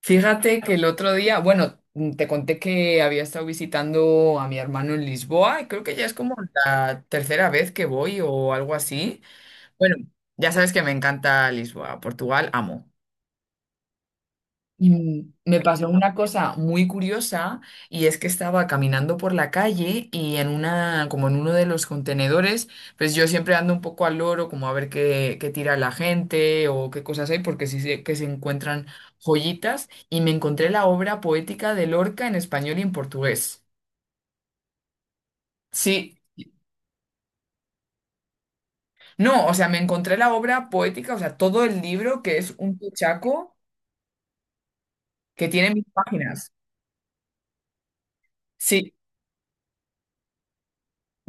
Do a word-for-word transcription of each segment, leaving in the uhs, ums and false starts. Fíjate que el otro día, bueno, mm, te conté que había estado visitando a mi hermano en Lisboa y creo que ya es como la tercera vez que voy o algo así. Bueno, ya sabes que me encanta Lisboa, Portugal, amo. Mm, Me pasó una cosa muy curiosa y es que estaba caminando por la calle y en una, como en uno de los contenedores, pues yo siempre ando un poco al loro, como a ver qué, qué tira la gente o qué cosas hay, porque sí sé que se encuentran joyitas y me encontré la obra poética de Lorca en español y en portugués. Sí, no, o sea, me encontré la obra poética, o sea, todo el libro que es un tochaco que tiene mil páginas. Sí.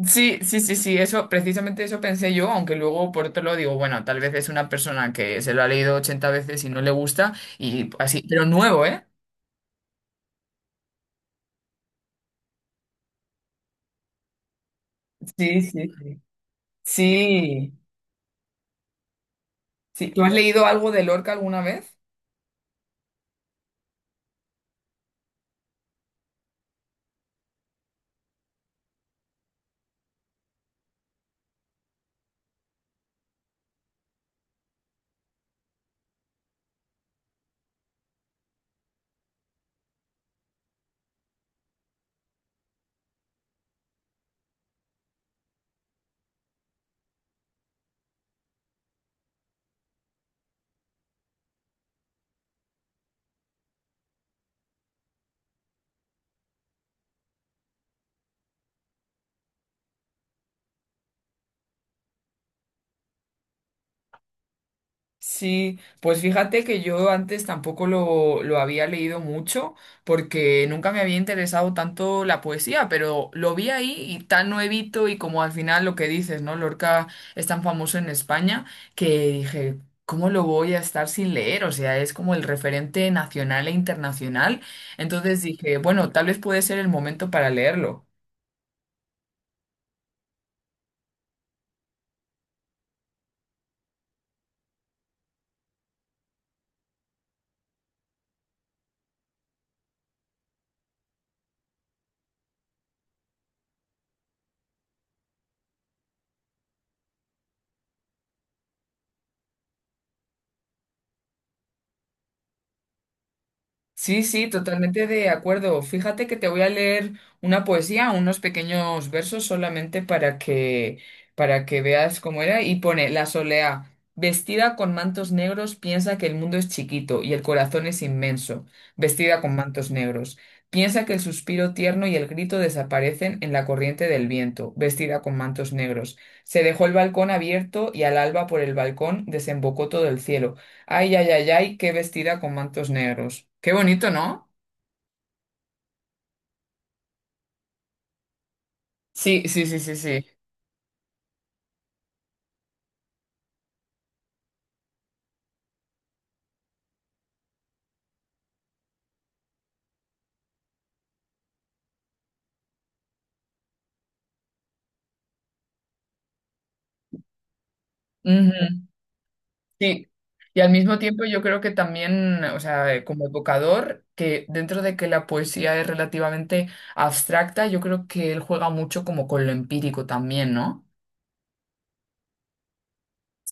Sí, sí, sí, sí, eso, precisamente eso pensé yo, aunque luego por otro lado digo, bueno, tal vez es una persona que se lo ha leído ochenta veces y no le gusta, y así, pero nuevo, ¿eh? Sí, sí, sí. Sí, sí. ¿Tú has leído algo de Lorca alguna vez? Sí, pues fíjate que yo antes tampoco lo, lo había leído mucho porque nunca me había interesado tanto la poesía, pero lo vi ahí y tan nuevito y como al final lo que dices, ¿no? Lorca es tan famoso en España que dije, ¿cómo lo voy a estar sin leer? O sea, es como el referente nacional e internacional. Entonces dije, bueno, tal vez puede ser el momento para leerlo. Sí, sí, totalmente de acuerdo. Fíjate que te voy a leer una poesía, unos pequeños versos solamente para que para que veas cómo era y pone la solea vestida con mantos negros piensa que el mundo es chiquito y el corazón es inmenso, vestida con mantos negros. Piensa que el suspiro tierno y el grito desaparecen en la corriente del viento, vestida con mantos negros. Se dejó el balcón abierto y al alba por el balcón desembocó todo el cielo. Ay, ay, ay, ay, qué vestida con mantos negros. Qué bonito, ¿no? Sí, sí, sí, sí, sí. Ujú. Sí. Y al mismo tiempo yo creo que también, o sea, eh, como evocador, que dentro de que la poesía es relativamente abstracta, yo creo que él juega mucho como con lo empírico también, ¿no?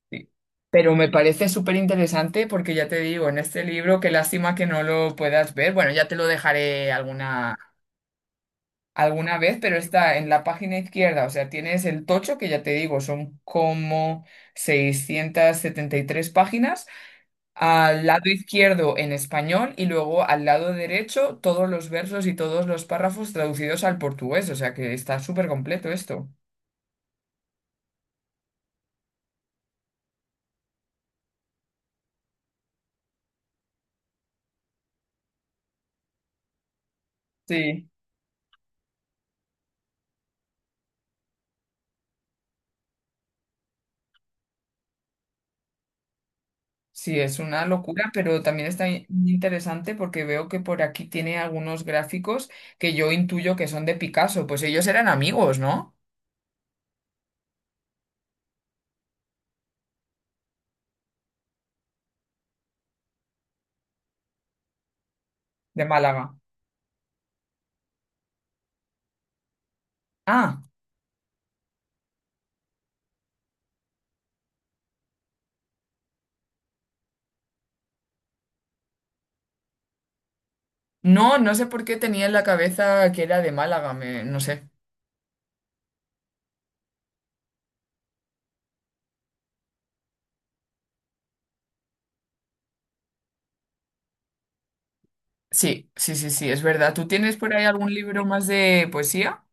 Sí. Pero me parece súper interesante porque ya te digo, en este libro, qué lástima que no lo puedas ver. Bueno, ya te lo dejaré alguna alguna vez, pero está en la página izquierda, o sea, tienes el tocho, que ya te digo, son como seiscientas setenta y tres páginas, al lado izquierdo en español y luego al lado derecho todos los versos y todos los párrafos traducidos al portugués, o sea que está súper completo esto. Sí. Sí, es una locura, pero también está in- interesante porque veo que por aquí tiene algunos gráficos que yo intuyo que son de Picasso, pues ellos eran amigos, ¿no? De Málaga. Ah. No, no sé por qué tenía en la cabeza que era de Málaga, me- no sé. Sí, sí, sí, sí, es verdad. ¿Tú tienes por ahí algún libro más de poesía?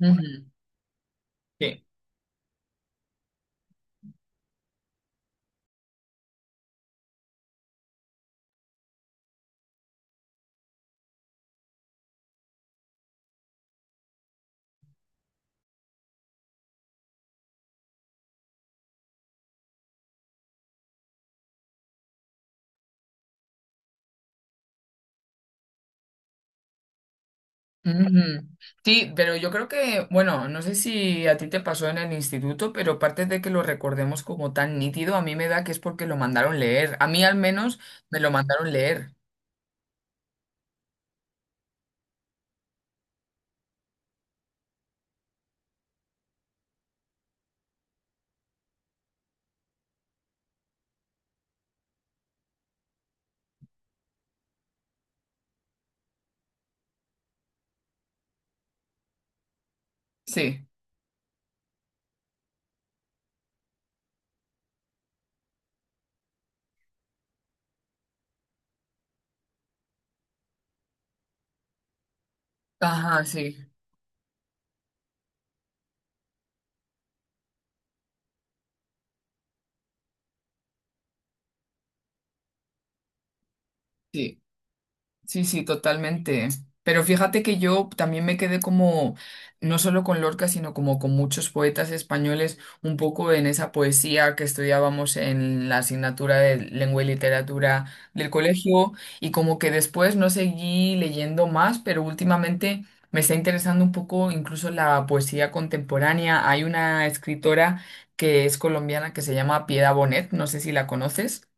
Ujú. Sí. Ujú. Sí, pero yo creo que, bueno, no sé si a ti te pasó en el instituto, pero aparte de que lo recordemos como tan nítido, a mí me da que es porque lo mandaron leer. A mí al menos me lo mandaron leer. Sí. Ajá, sí. Sí. Sí, sí, totalmente. Pero fíjate que yo también me quedé como, no solo con Lorca, sino como con muchos poetas españoles, un poco en esa poesía que estudiábamos en la asignatura de lengua y literatura del colegio, y como que después no seguí leyendo más, pero últimamente me está interesando un poco incluso la poesía contemporánea. Hay una escritora que es colombiana que se llama Piedad Bonet, no sé si la conoces.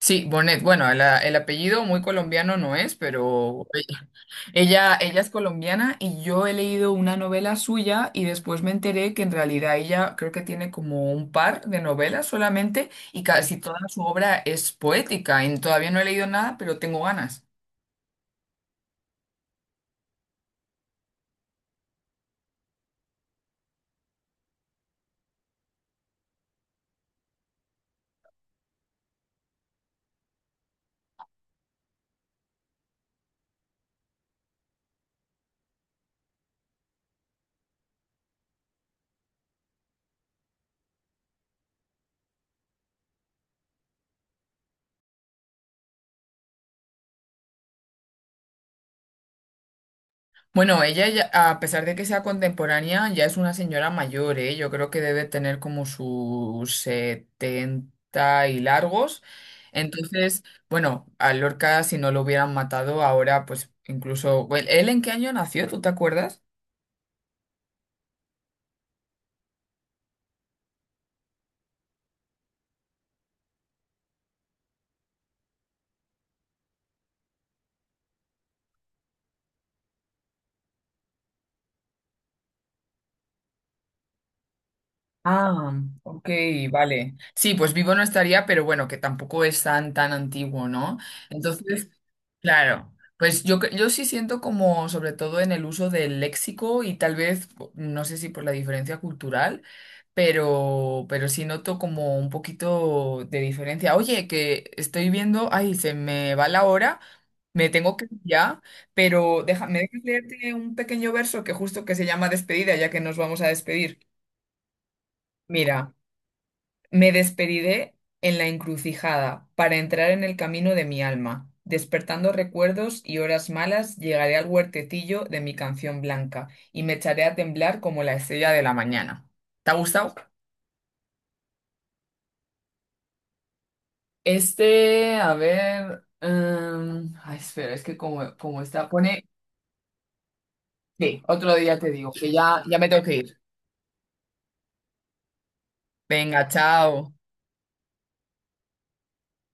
Sí, Bonet. Bueno, la- el apellido muy colombiano no es, pero ella, ella ella es colombiana y yo he leído una novela suya y después me enteré que en realidad ella creo que tiene como un par de novelas solamente y casi toda su obra es poética. Y todavía no he leído nada, pero tengo ganas. Bueno, ella, ya- a pesar de que sea contemporánea, ya es una señora mayor, ¿eh? Yo creo que debe tener como sus setenta y largos. Entonces, bueno, a Lorca, si no lo hubieran matado ahora, pues incluso... bueno, ¿él en qué año nació? ¿Tú te acuerdas? Ah, ok, vale. Sí, pues vivo no estaría, pero bueno, que tampoco es tan, tan antiguo, ¿no? Entonces, claro, pues yo, cre- yo sí siento como, sobre todo en el uso del léxico y tal vez, no sé si por la diferencia cultural, pero, pero sí noto como un poquito de diferencia. Oye, que estoy viendo, ay, se me va la hora, me tengo que ir ya, pero déjame, ¿me dejas leerte un pequeño verso que justo que se llama despedida, ya que nos vamos a despedir? Mira. Me despedidé en la encrucijada para entrar en el camino de mi alma. Despertando recuerdos y horas malas, llegaré al huertecillo de mi canción blanca y me echaré a temblar como la estrella de la mañana. ¿Te ha gustado? Este, a ver. Em, ay, espera, es que como, como está. Pone. Sí, otro día te digo, que ya, ya me tengo que ir. Venga, chao.